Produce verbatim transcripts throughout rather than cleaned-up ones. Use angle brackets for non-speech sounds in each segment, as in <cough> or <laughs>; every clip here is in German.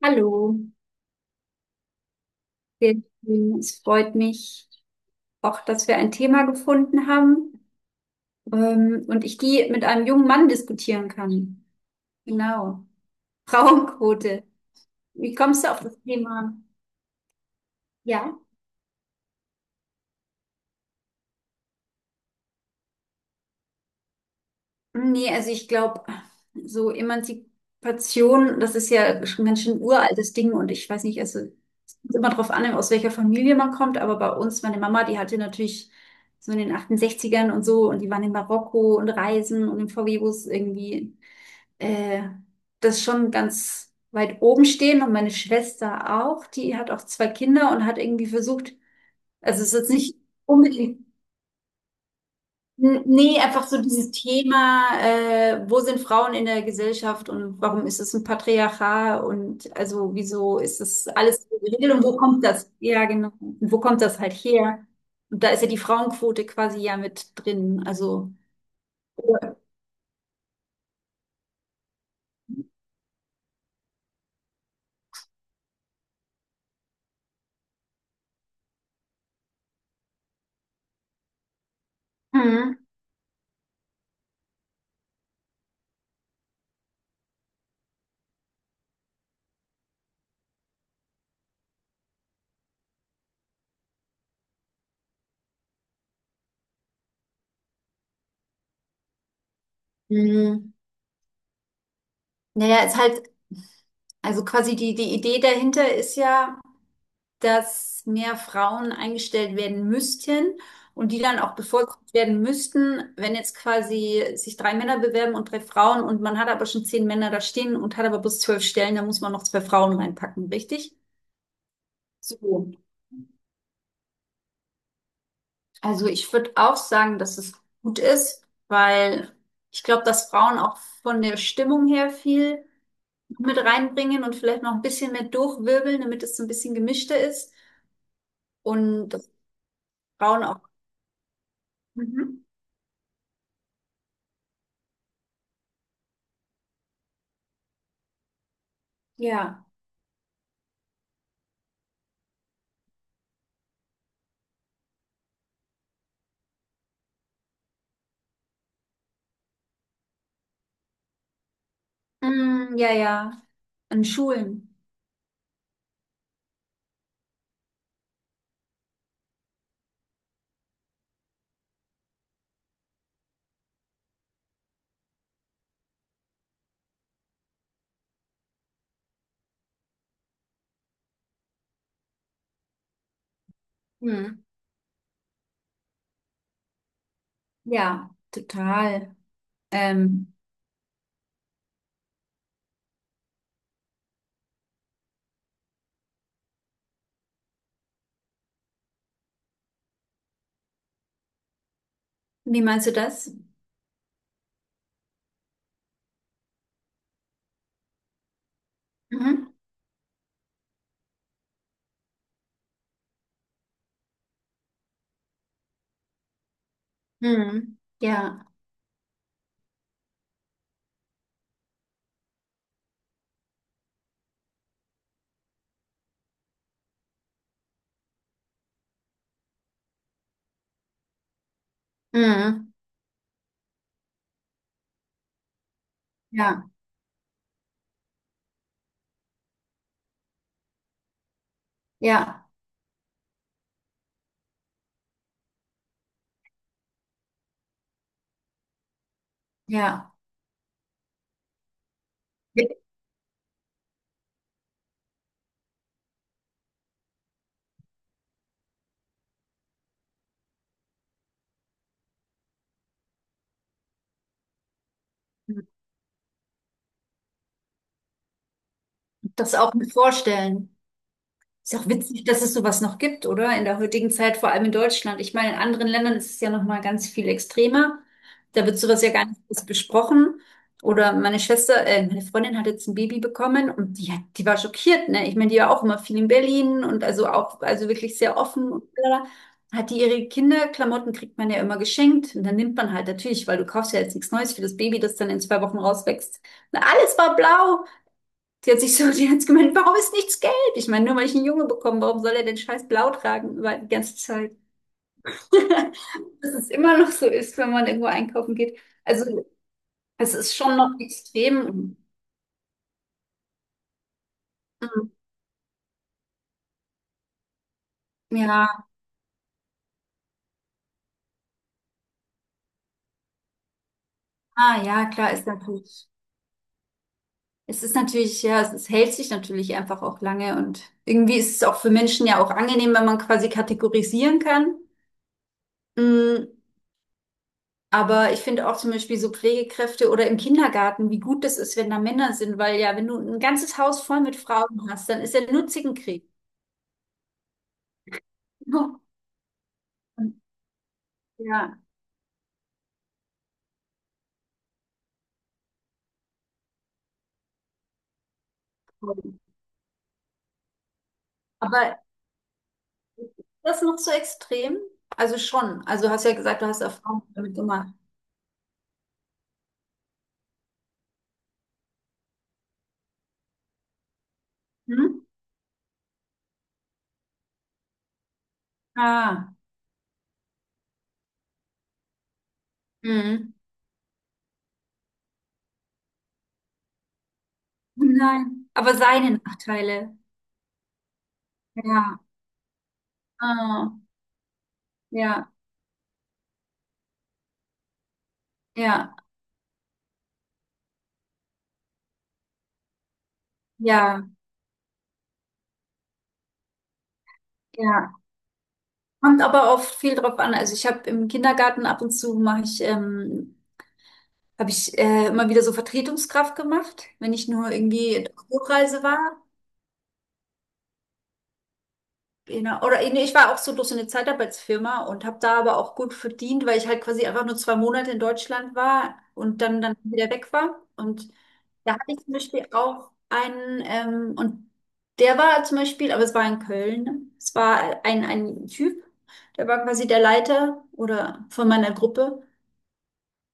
Hallo, sehr schön. Es freut mich auch, dass wir ein Thema gefunden haben, ähm, und ich die mit einem jungen Mann diskutieren kann. Genau. <laughs> Frauenquote. Wie kommst du auf das Thema? Ja? Nee, also ich glaube, so Emanzipation, das ist ja schon ein ganz schön uraltes Ding, und ich weiß nicht, also es kommt immer drauf an, aus welcher Familie man kommt, aber bei uns, meine Mama, die hatte natürlich so in den achtundsechzigern und so, und die waren in Marokko und Reisen und im V W-Bus irgendwie äh, das schon ganz weit oben stehen, und meine Schwester auch, die hat auch zwei Kinder und hat irgendwie versucht, also es ist jetzt nicht unbedingt, n- nee, einfach so dieses Thema, äh, wo sind Frauen in der Gesellschaft und warum ist es ein Patriarchat und also wieso ist das alles so geregelt und wo kommt das? Ja, genau. Und wo kommt das halt her? Und da ist ja die Frauenquote quasi ja mit drin, also. Mhm. Mhm. Naja, ist halt, also quasi die, die Idee dahinter ist ja, dass mehr Frauen eingestellt werden müssten und die dann auch bevorzugt werden müssten, wenn jetzt quasi sich drei Männer bewerben und drei Frauen, und man hat aber schon zehn Männer da stehen und hat aber bis zwölf Stellen, da muss man noch zwei Frauen reinpacken, richtig? So. Also ich würde auch sagen, dass es gut ist, weil ich glaube, dass Frauen auch von der Stimmung her viel mit reinbringen und vielleicht noch ein bisschen mehr durchwirbeln, damit es so ein bisschen gemischter ist, und das Frauen auch. Mhm. Ja, mm, ja, ja, an Schulen. Mhm. Ja, total. Ähm, wie meinst du das? Mhm. Mhm. Ja, mhm. Ja, ja, ja. Das auch mit vorstellen. Ist auch witzig, dass es sowas noch gibt, oder? In der heutigen Zeit, vor allem in Deutschland. Ich meine, in anderen Ländern ist es ja noch mal ganz viel extremer. Da wird sowas ja gar nicht erst besprochen. Oder meine Schwester, äh, meine Freundin hat jetzt ein Baby bekommen, und die, hat- die war schockiert, ne? Ich meine, die war auch immer viel in Berlin und also auch, also wirklich sehr offen und blablabla. Hat die ihre Kinderklamotten, kriegt man ja immer geschenkt, und dann nimmt man halt natürlich, weil du kaufst ja jetzt nichts Neues für das Baby, das dann in zwei Wochen rauswächst. Na, alles war blau. Sie hat sich so, <laughs> die hat gemeint, warum ist nichts gelb? Ich meine, nur weil ich einen Junge bekomme, warum soll er denn scheiß blau tragen über die ganze Zeit? <laughs> Dass es immer noch so ist, wenn man irgendwo einkaufen geht. Also, es ist schon noch extrem. Mhm. Ja, ah, ja, klar, ist natürlich. Es ist natürlich, ja, es ist, hält sich natürlich einfach auch lange, und irgendwie ist es auch für Menschen ja auch angenehm, wenn man quasi kategorisieren kann. Mm, aber ich finde auch zum Beispiel so Pflegekräfte oder im Kindergarten, wie gut das ist, wenn da Männer sind, weil ja, wenn du ein ganzes Haus voll mit Frauen hast, dann ist ja nur Zickenkrieg. <laughs> Ja. Voll. Aber ist das noch so extrem? Also schon. Also du hast ja gesagt, du hast Erfahrungen damit gemacht. Hm? Ah. Hm. Nein. Aber seine Nachteile. Ja. Ah. Ja. Ja. Ja. Ja. Kommt aber auch viel drauf an. Also ich habe im Kindergarten, ab und zu mache ich ähm, habe ich äh, immer wieder so Vertretungskraft gemacht, wenn ich nur irgendwie in der Hochreise war. Genau. Oder nee, ich war auch so durch so eine Zeitarbeitsfirma und habe da aber auch gut verdient, weil ich halt quasi einfach nur zwei Monate in Deutschland war und dann, dann wieder weg war. Und da hatte ich zum Beispiel auch einen, ähm, und der war zum Beispiel, aber es war in Köln, ne? Es war ein, ein Typ, der war quasi der Leiter oder von meiner Gruppe.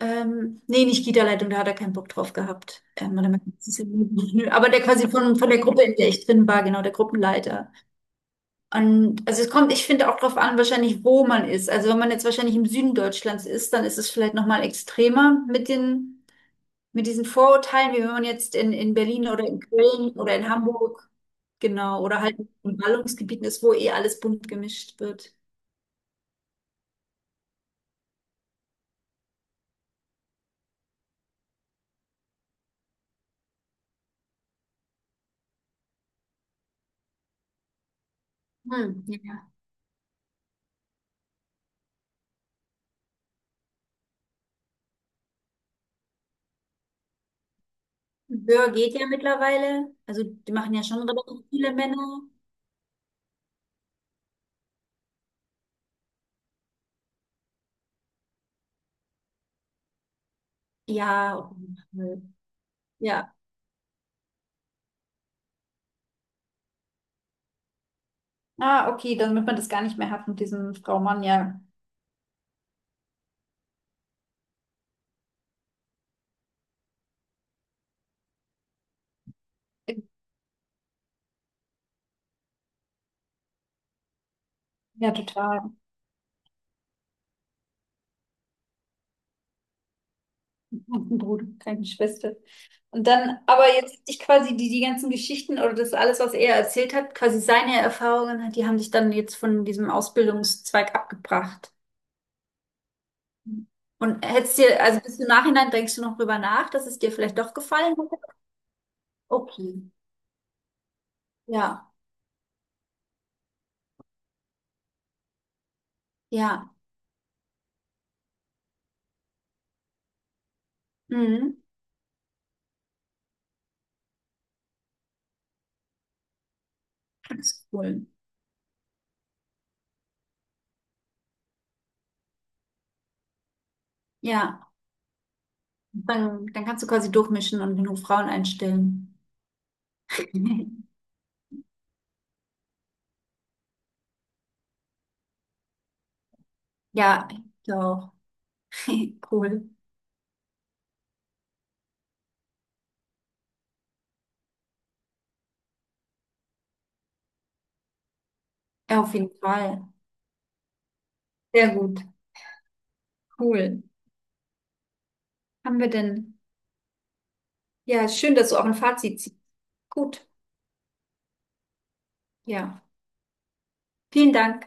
Ähm, nee, nicht Kita-Leitung, da hat er keinen Bock drauf gehabt. Ähm, oder man kann es ja nicht <laughs> aber der quasi von, von der Gruppe, in der ich drin war, genau, der Gruppenleiter. Und also es kommt, ich finde, auch drauf an, wahrscheinlich, wo man ist. Also wenn man jetzt wahrscheinlich im Süden Deutschlands ist, dann ist es vielleicht nochmal extremer mit den, mit diesen Vorurteilen, wie wenn man jetzt in, in Berlin oder in Köln oder in Hamburg, genau, oder halt in Ballungsgebieten ist, wo eh alles bunt gemischt wird. Hm, ja. Böhr geht ja mittlerweile. Also die machen ja schon relativ viele Männer. Ja, auf jeden Fall. Ja. Ah, okay, dann wird man das gar nicht mehr hat mit diesem Frau Mann, ja. Ja, total. Und ein Bruder, keine Schwester. Und dann, aber jetzt hat sich quasi die, die ganzen Geschichten oder das alles, was er erzählt hat, quasi seine Erfahrungen hat, die haben dich dann jetzt von diesem Ausbildungszweig abgebracht. Und hättest dir, also bis im Nachhinein denkst du noch drüber nach, dass es dir vielleicht doch gefallen hat? Okay. Ja, ja. Mhm. Das ist cool. Ja. Dann, dann kannst du quasi durchmischen und genug Frauen einstellen. <laughs> Ja, ich auch. <laughs> Cool. Ja, auf jeden Fall. Sehr gut. Cool. Haben wir denn? Ja, schön, dass du auch ein Fazit ziehst. Gut. Ja. Vielen Dank.